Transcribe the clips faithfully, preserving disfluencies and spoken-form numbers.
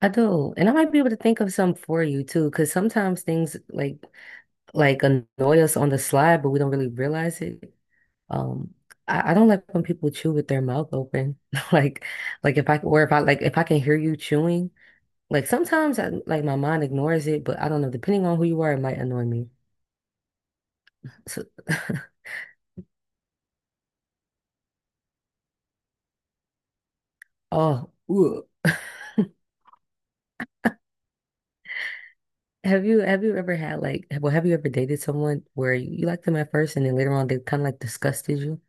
I do, and I might be able to think of some for you too, because sometimes things like like annoy us on the slide, but we don't really realize it. Um, I, I don't like when people chew with their mouth open, like like if I or if I like if I can hear you chewing, like sometimes I like my mind ignores it, but I don't know. Depending on who you are, it might annoy me. So, oh, ugh. Have you have you ever had like well have you ever dated someone where you, you liked them at first and then later on they kind of like disgusted you?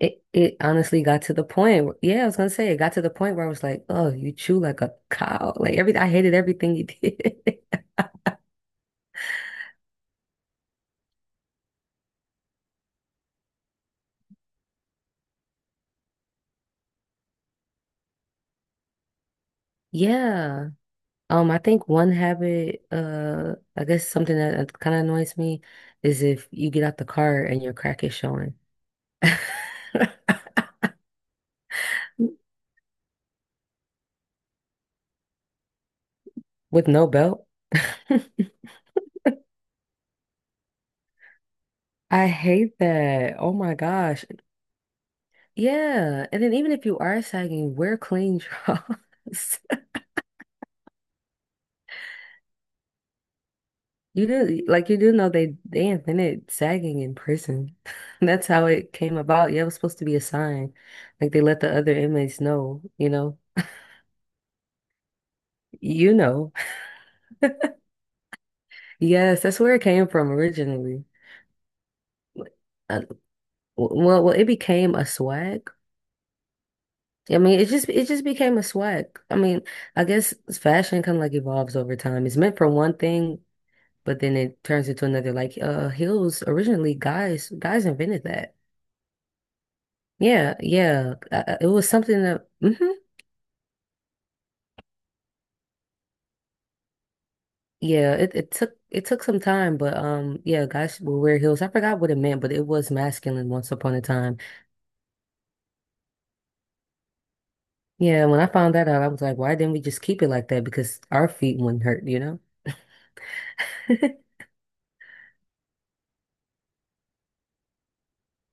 It it honestly got to the point. where- Yeah, I was gonna say it got to the point where I was like, "Oh, you chew like a cow." Like everything, I hated everything you did. Yeah. Um, I think one habit, uh, I guess something that kind of annoys me is if you get out the car and your crack is showing with no belt. I hate that. Oh my gosh. Yeah. And then even if you are sagging, wear clean drawers. You do like you do know they they invented sagging in prison. That's how it came about. Yeah, it was supposed to be a sign. Like they let the other inmates know, you know. You know. Yes, that's where it came from originally. Uh, well, well, it became a swag. I mean, it just it just became a swag. I mean, I guess fashion kind of like evolves over time. It's meant for one thing, but then it turns into another. Like uh, heels originally, guys guys invented that. Yeah, yeah. Uh, uh, it was something that mhm. Yeah, it, it took it took some time, but um, yeah, guys will wear heels. I forgot what it meant, but it was masculine once upon a time. Yeah, when I found that out, I was like, why didn't we just keep it like that? Because our feet wouldn't hurt, you know?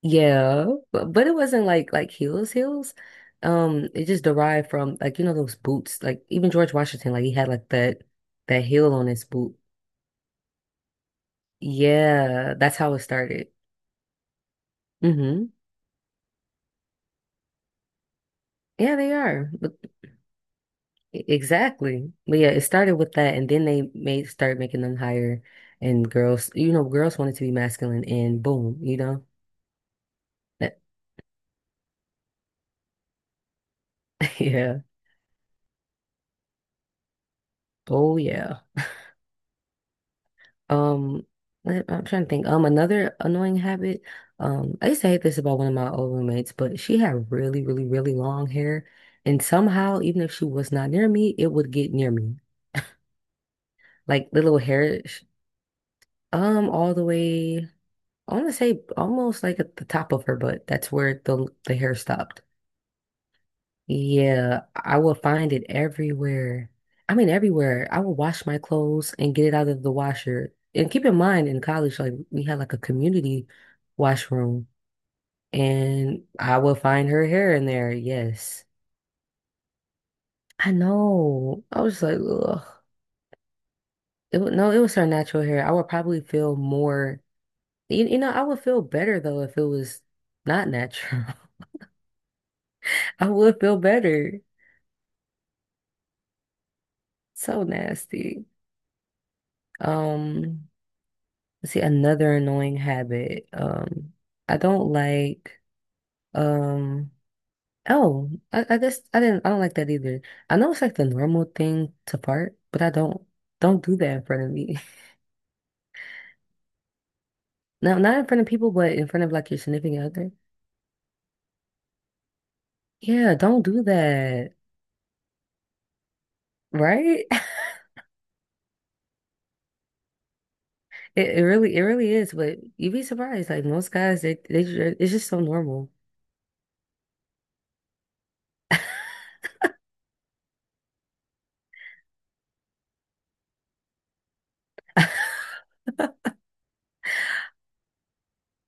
Yeah, but but it wasn't like like heels heels. Um, it just derived from like you know those boots. Like even George Washington, like he had like that that heel on his boot. Yeah, that's how it started. Hmm. Yeah, they are. But e- exactly. But yeah, it started with that, and then they made start making them higher, and girls, you know, girls wanted to be masculine, and boom, you know, that, yeah, oh yeah. Um, let- I'm trying to think. Um, another annoying habit. Um, I used to hate this about one of my old roommates, but she had really, really, really long hair, and somehow, even if she was not near me, it would get near me, like the little hair, sh- um, all the way. I want to say almost like at the top of her butt. That's where the the hair stopped. Yeah, I will find it everywhere. I mean, everywhere. I will wash my clothes and get it out of the washer. And keep in mind, in college, like we had like a community washroom, and I will find her hair in there. Yes, I know. I was like, ugh. It was, no, it was her natural hair. I would probably feel more. You, you know, I would feel better though if it was not natural. I would feel better. So nasty. Um, see, another annoying habit. Um, I don't like um oh, I, I guess I didn't I don't like that either. I know it's like the normal thing to fart, but I don't don't do that in front of me. No, not in front of people, but in front of like your significant other. Yeah, don't do that. Right? It, it really it really is, but you'd be surprised. Like most guys, they they ju- it's just so normal.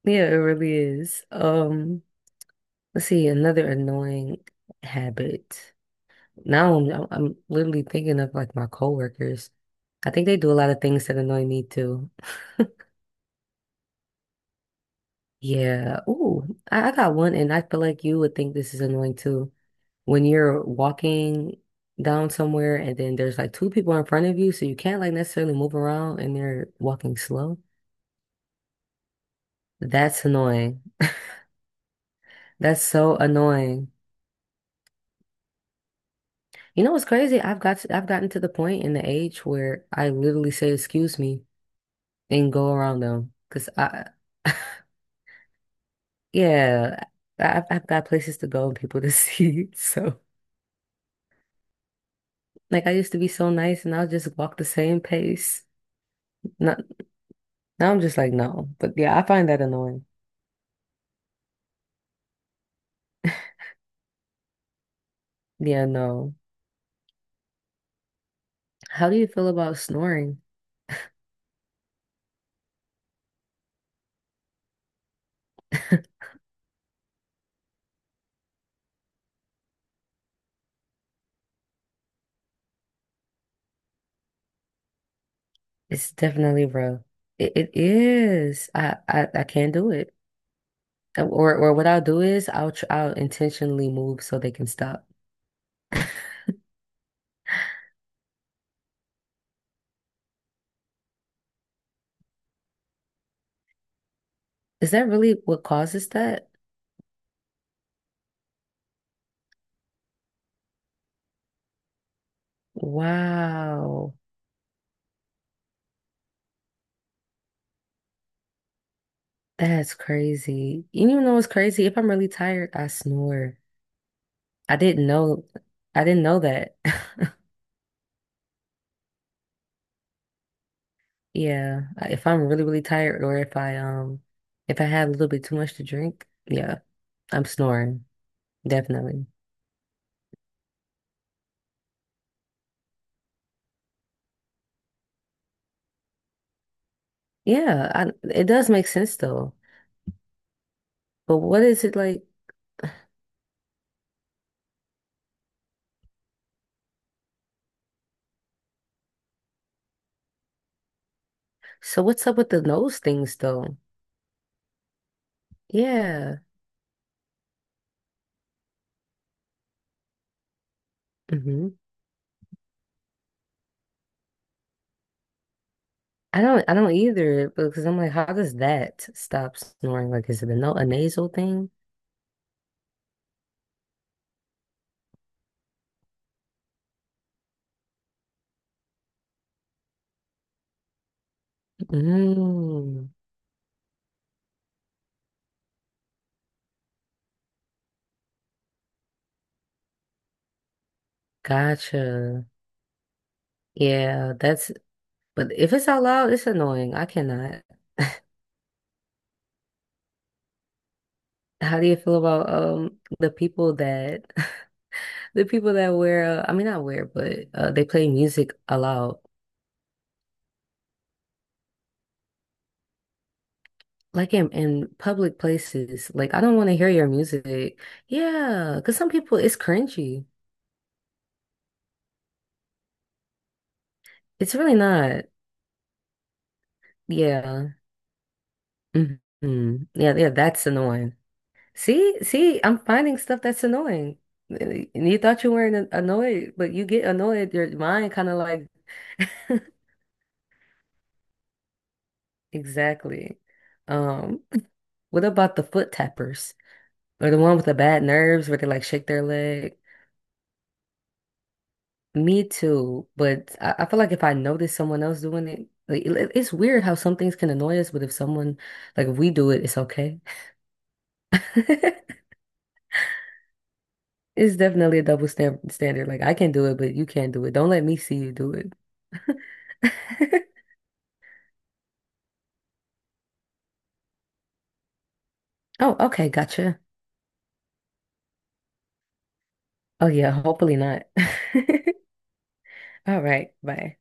Yeah, it really is. Um, let's see, another annoying habit. Now I'm, I'm I'm literally thinking of like my coworkers. I think they do a lot of things that annoy me too. Yeah. Ooh, I, I got one, and I feel like you would think this is annoying too. When you're walking down somewhere, and then there's like two people in front of you, so you can't like necessarily move around, and they're walking slow. That's annoying. That's so annoying. You know what's crazy? I've got to, I've gotten to the point in the age where I literally say excuse me and go around them because I Yeah, I- I've I've got places to go and people to see. So, like, I used to be so nice and I'll just walk the same pace. Not, now I'm just like, no. But yeah, I find that annoying. Yeah, no. How do you feel about snoring? It's definitely rough. It, it is. I, I, I can't do it. Or, or what I'll do is I'll, tr I'll intentionally move so they can stop. Is that really what causes that? Wow. That's crazy. You know what's crazy? If I'm really tired, I snore. I didn't know I didn't know that. Yeah, i- if I'm really really tired or if I um if I had a little bit too much to drink, yeah, I'm snoring definitely. Yeah, I, it does make sense though. But what is it like? So what's up with the nose things though? Yeah. Hmm. I don't I don't either because I'm like, how does that stop snoring? Like, is it a no a nasal thing? Mm, gotcha. Yeah, that's but if it's out loud, it's annoying. I cannot. How do you feel about um the people that the people that wear uh, I mean not wear but uh, they play music aloud like in in public places like I don't want to hear your music, yeah, because some people it's cringy, it's really not, yeah. Hmm, yeah, yeah, that's annoying. See see I'm finding stuff that's annoying and you thought you weren't an- annoyed but you get annoyed your mind kind of like exactly. um what about the foot tappers? Or the one with the bad nerves where they like shake their leg. Me too. But I, I feel like if I notice someone else doing it, like it- it's weird how some things can annoy us, but if someone like if we do it, it's okay. It's definitely a double stamp standard. Like I can do it, but you can't do it. Don't let me see you do it. Oh, okay, gotcha. Oh yeah, hopefully not. All right, bye.